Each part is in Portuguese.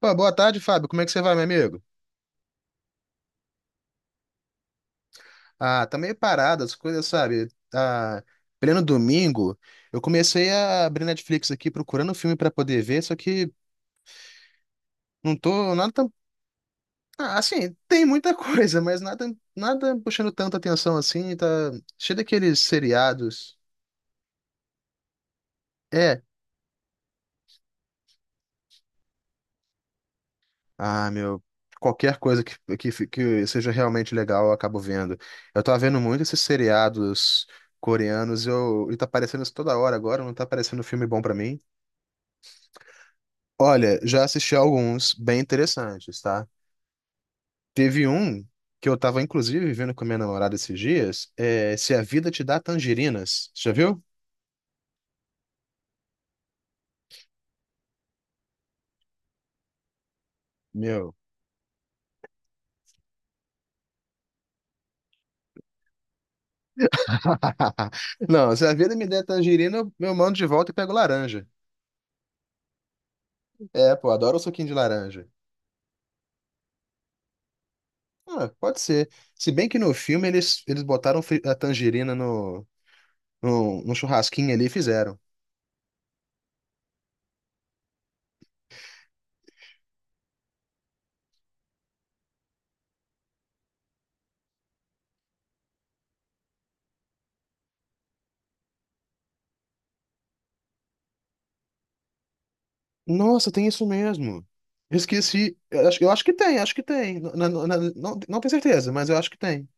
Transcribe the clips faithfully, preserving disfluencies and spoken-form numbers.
Pô, boa tarde, Fábio. Como é que você vai, meu amigo? Ah, tá meio parado, as coisas, sabe? Tá pleno domingo. Eu comecei a abrir Netflix aqui procurando filme pra poder ver, só que não tô nada tão... Ah, assim, tem muita coisa, mas nada, nada puxando tanta atenção assim, tá cheio daqueles seriados. É. Ah, meu, qualquer coisa que, que, fi- que seja realmente legal eu acabo vendo. Eu tô vendo muito esses seriados coreanos, eu, e tá aparecendo isso toda hora agora, não tá aparecendo filme bom pra mim. Olha, já assisti alguns bem interessantes, tá? Teve um que eu tava, inclusive, vendo com a minha namorada esses dias, é Se a Vida Te Dá Tangerinas. Já viu? Meu. Não, se a vida me der tangerina, eu eu mando de volta e pego laranja. É, pô, adoro o suquinho de laranja. Ah, pode ser. Se bem que no filme eles, eles botaram fri- a tangerina no, no, no churrasquinho ali e fizeram. Nossa, tem isso mesmo. Eu esqueci. Eu acho, eu acho que tem, acho que tem. Não, não, não, não, não tenho certeza, mas eu acho que tem.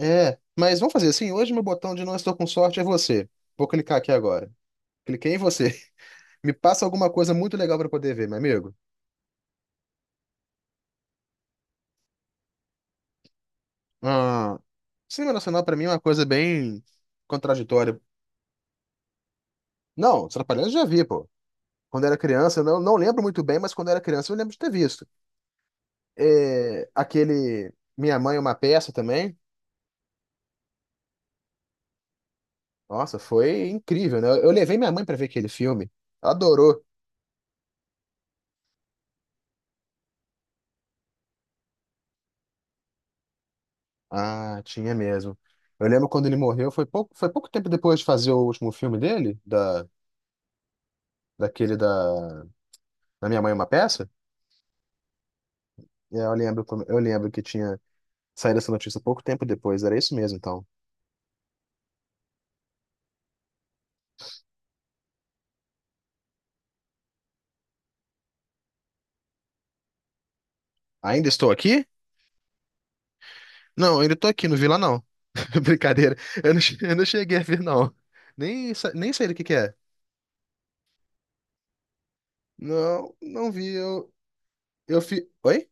É, mas vamos fazer assim. Hoje meu botão de não estou com sorte é você. Vou clicar aqui agora. Cliquei em você. Me passa alguma coisa muito legal para poder ver, meu amigo. Ah, cinema nacional para mim é uma coisa bem contraditória. Não, Os Trapalhões eu já vi, pô. Quando era criança, eu não, não lembro muito bem, mas quando era criança eu lembro de ter visto. É, aquele Minha Mãe é uma Peça também. Nossa, foi incrível, né? Eu levei minha mãe para ver aquele filme. Ela adorou. Ah, tinha mesmo. Eu lembro quando ele morreu, foi pouco, foi pouco tempo depois de fazer o último filme dele, da, daquele da, da Minha Mãe é uma Peça. E aí eu lembro, como- eu lembro que tinha saído essa notícia pouco tempo depois, era isso mesmo, então. Ainda estou aqui? Não, ainda estou aqui, não vi lá não. Brincadeira, eu não, che- eu não cheguei a ver não. Nem, sa- nem sei do que que é. Não, não vi, eu, eu fi... oi?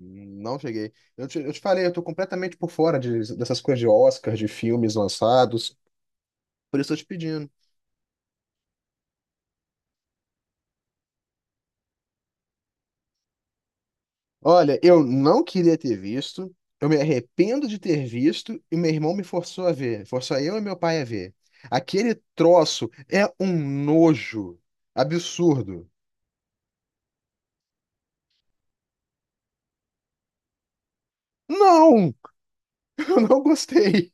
Não cheguei. Eu te, eu te falei, eu tô completamente por fora de, dessas coisas de Oscar, de filmes lançados, por isso eu tô te pedindo. Olha, eu não queria ter visto, eu me arrependo de ter visto e meu irmão me forçou a ver, forçou eu e meu pai a ver. Aquele troço é um nojo absurdo. Não, eu não gostei.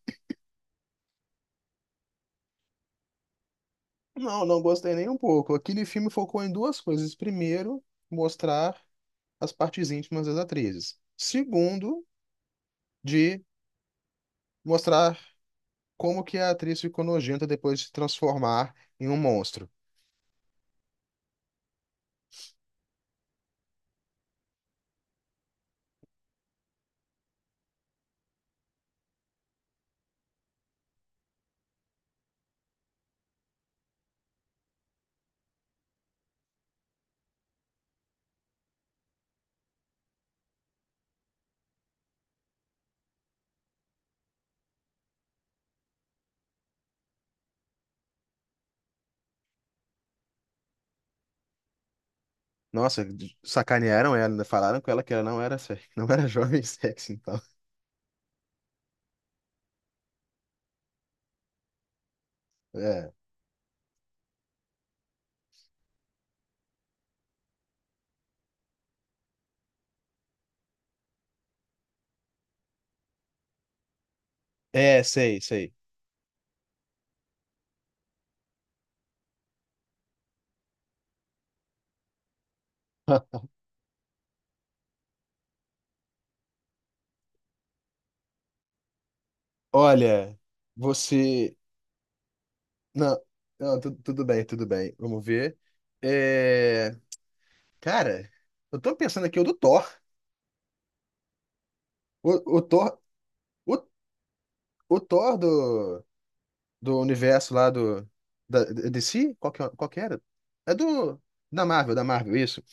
Não, não gostei nem um pouco. Aquele filme focou em duas coisas. Primeiro, mostrar as partes íntimas das atrizes. Segundo, de mostrar como que a atriz ficou nojenta depois de se transformar em um monstro. Nossa, sacanearam ela, ainda falaram com ela que ela não era, se- não era jovem sexy, então. É, é, sei, sei. Olha, você. Não, não, tu- tudo bem, tudo bem. Vamos ver. É, cara, eu tô pensando aqui o do Thor. O, o Thor, o, o Thor do, do universo lá do. Da, da- D C? Qual que, é- qual que era? É do. Da Marvel, da Marvel, isso.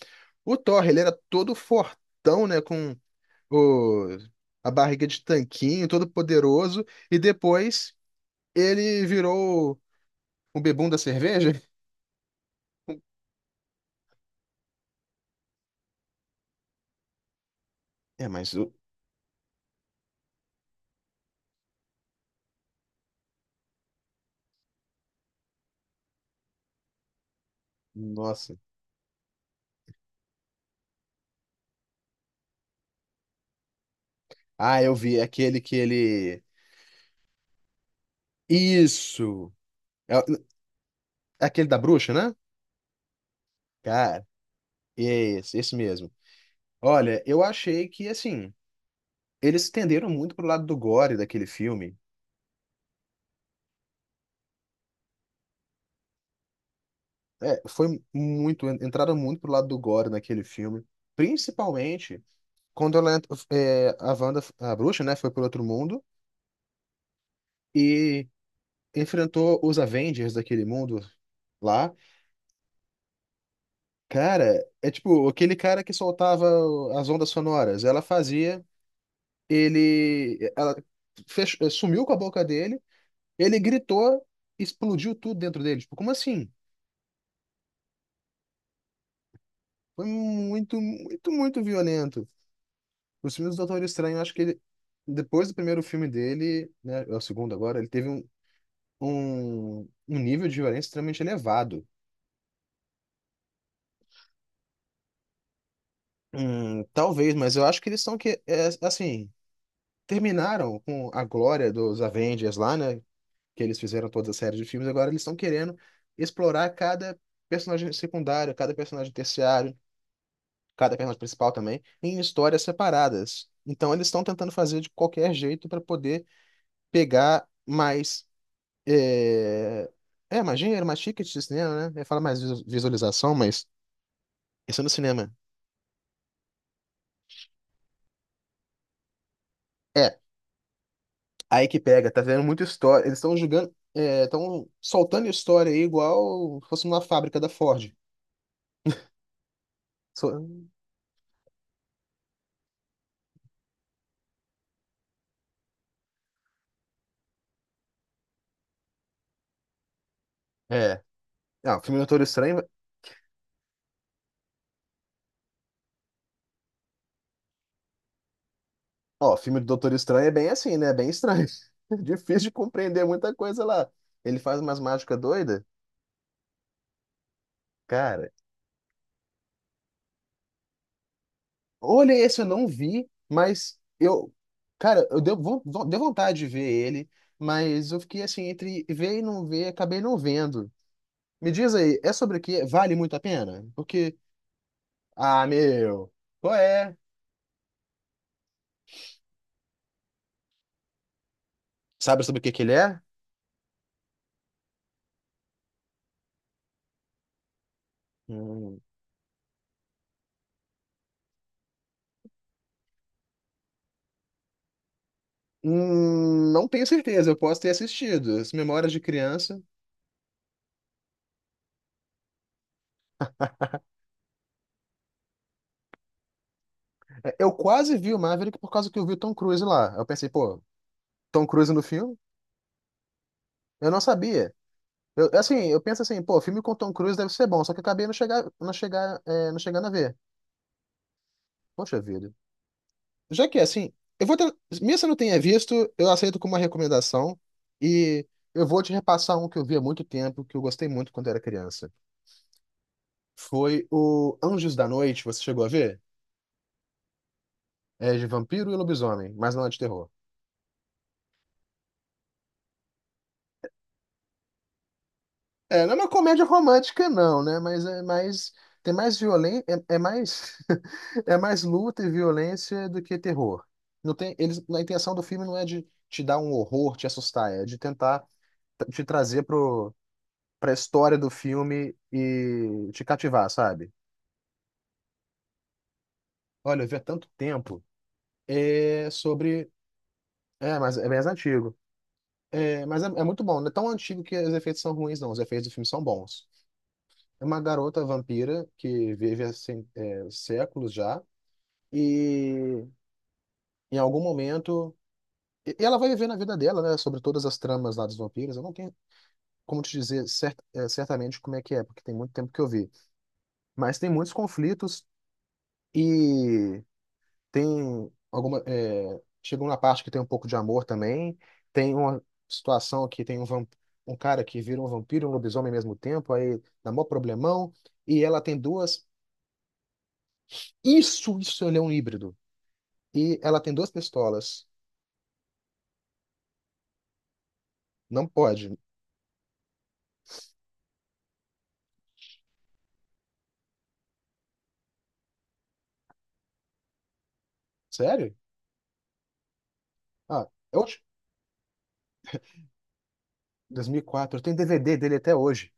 O Thor, ele era todo fortão, né? Com o, a barriga de tanquinho, todo poderoso, e depois ele virou o bebum da cerveja? É, mas o. Nossa. Ah, eu vi. É aquele que ele. Isso! É, o- é aquele da bruxa, né? Cara, esse, esse mesmo. Olha, eu achei que, assim, eles tenderam muito pro lado do gore daquele filme. É, foi muito. Entraram muito pro lado do gore naquele filme. Principalmente quando ela, ent- é, a Wanda, a bruxa, né, foi pro outro mundo. E enfrentou os Avengers daquele mundo lá. Cara, é tipo aquele cara que soltava as ondas sonoras. Ela fazia, ele, ela fech- eh, sumiu com a boca dele, ele gritou, explodiu tudo dentro dele. Tipo, como assim? Foi muito, muito, muito violento. Os filmes do Doutor Estranho, eu acho que ele, depois do primeiro filme dele, né, é o segundo agora, ele teve um, um, um nível de violência extremamente elevado. Hum, talvez, mas eu acho que eles estão que é, assim, terminaram com a glória dos Avengers lá, né? Que eles fizeram toda a série de filmes. Agora eles estão querendo explorar cada personagem secundário, cada personagem terciário, cada personagem principal também, em histórias separadas. Então eles estão tentando fazer de qualquer jeito para poder pegar mais. É... é, mais dinheiro, mais ticket de cinema, né? Eu falo mais visu- visualização, mas isso é no cinema. É, aí que pega, tá vendo muita história. Eles estão jogando, estão soltando história aí igual se fosse uma fábrica da Ford. So- É. Ah, filme do Doutor Estranho. Ó, filme do Doutor Estranho é bem assim, né? É bem estranho. Difícil de compreender muita coisa lá. Ele faz umas mágicas doidas. Cara, olha esse, eu não vi, mas eu. Cara, eu deu, von- von- deu vontade de ver ele, mas eu fiquei assim, entre ver e não ver, acabei não vendo. Me diz aí, é sobre o quê? Vale muito a pena? Porque. Ah, meu. Qual é? Sabe sobre o que que ele é? Hum. Hum, não tenho certeza, eu posso ter assistido. As memórias de criança. É, eu quase vi o Maverick por causa que eu vi o Tom Cruise lá. Eu pensei, pô, Tom Cruise no filme? Eu não sabia. Eu, assim, eu penso assim, pô, filme com Tom Cruise deve ser bom, só que eu acabei não chegar, não chegar, é, não chegando a ver. Poxa vida. Já que é assim, eu vou ter, mesmo se eu não tenha visto, eu aceito como uma recomendação e eu vou te repassar um que eu vi há muito tempo, que eu gostei muito quando era criança. Foi o Anjos da Noite, você chegou a ver? É de vampiro e lobisomem, mas não é de terror. É, não é uma comédia romântica, não, né? Mas é mais. Tem mais violência. É, é mais. É mais luta e violência do que terror. Não tem, eles, a intenção do filme não é de te dar um horror, te assustar, é de tentar t- te trazer pro, pra história do filme e te cativar, sabe? Olha, eu vi há tanto tempo. É sobre. É, mas é mais antigo. É, mas é, é muito bom. Não é tão antigo que os efeitos são ruins, não. Os efeitos do filme são bons. É uma garota vampira que vive há cen- é, séculos já e em algum momento e ela vai viver na vida dela, né, sobre todas as tramas lá dos vampiros. Eu não tenho como te dizer cer- é, certamente como é que é, porque tem muito tempo que eu vi. Mas tem muitos conflitos e tem alguma é, chegou na parte que tem um pouco de amor também. Tem uma situação que tem um vamp... um cara que vira um vampiro e um lobisomem ao mesmo tempo, aí dá mó problemão e ela tem duas. Isso, isso ele é um híbrido. E ela tem duas pistolas. Não pode. Sério? Ah, é hoje? dois mil e quatro. Eu tenho D V D dele até hoje.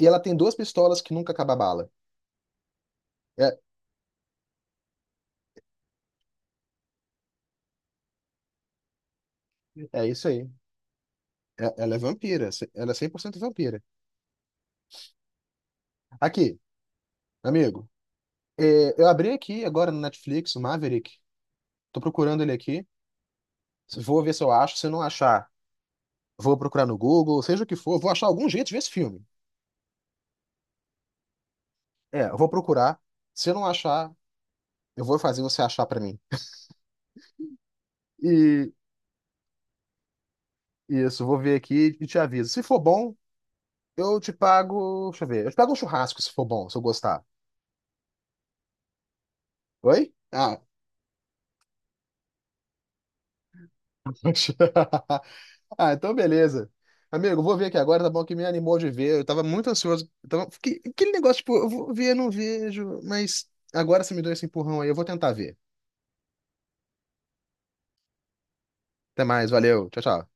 E ela tem duas pistolas que nunca acaba a bala. É, é isso aí. É- ela é vampira. c- Ela é cem por cento vampira. Aqui, amigo. É, eu abri aqui agora no Netflix, o Maverick. Tô procurando ele aqui. Vou ver se eu acho. Se eu não achar, vou procurar no Google, seja o que for. Vou achar algum jeito de ver esse filme. É, eu vou procurar. Se eu não achar, eu vou fazer você achar pra mim. E isso, vou ver aqui e te aviso. Se for bom, eu te pago. Deixa eu ver. Eu te pago um churrasco se for bom, se eu gostar. Oi? Ah, ah, então beleza. Amigo, eu vou ver aqui agora, tá bom? Que me animou de ver. Eu tava muito ansioso. Eu Tava... fiquei- Aquele negócio, tipo, eu vou ver, não vejo. Mas agora você me deu esse empurrão aí. Eu vou tentar ver. Até mais, valeu. Tchau, tchau.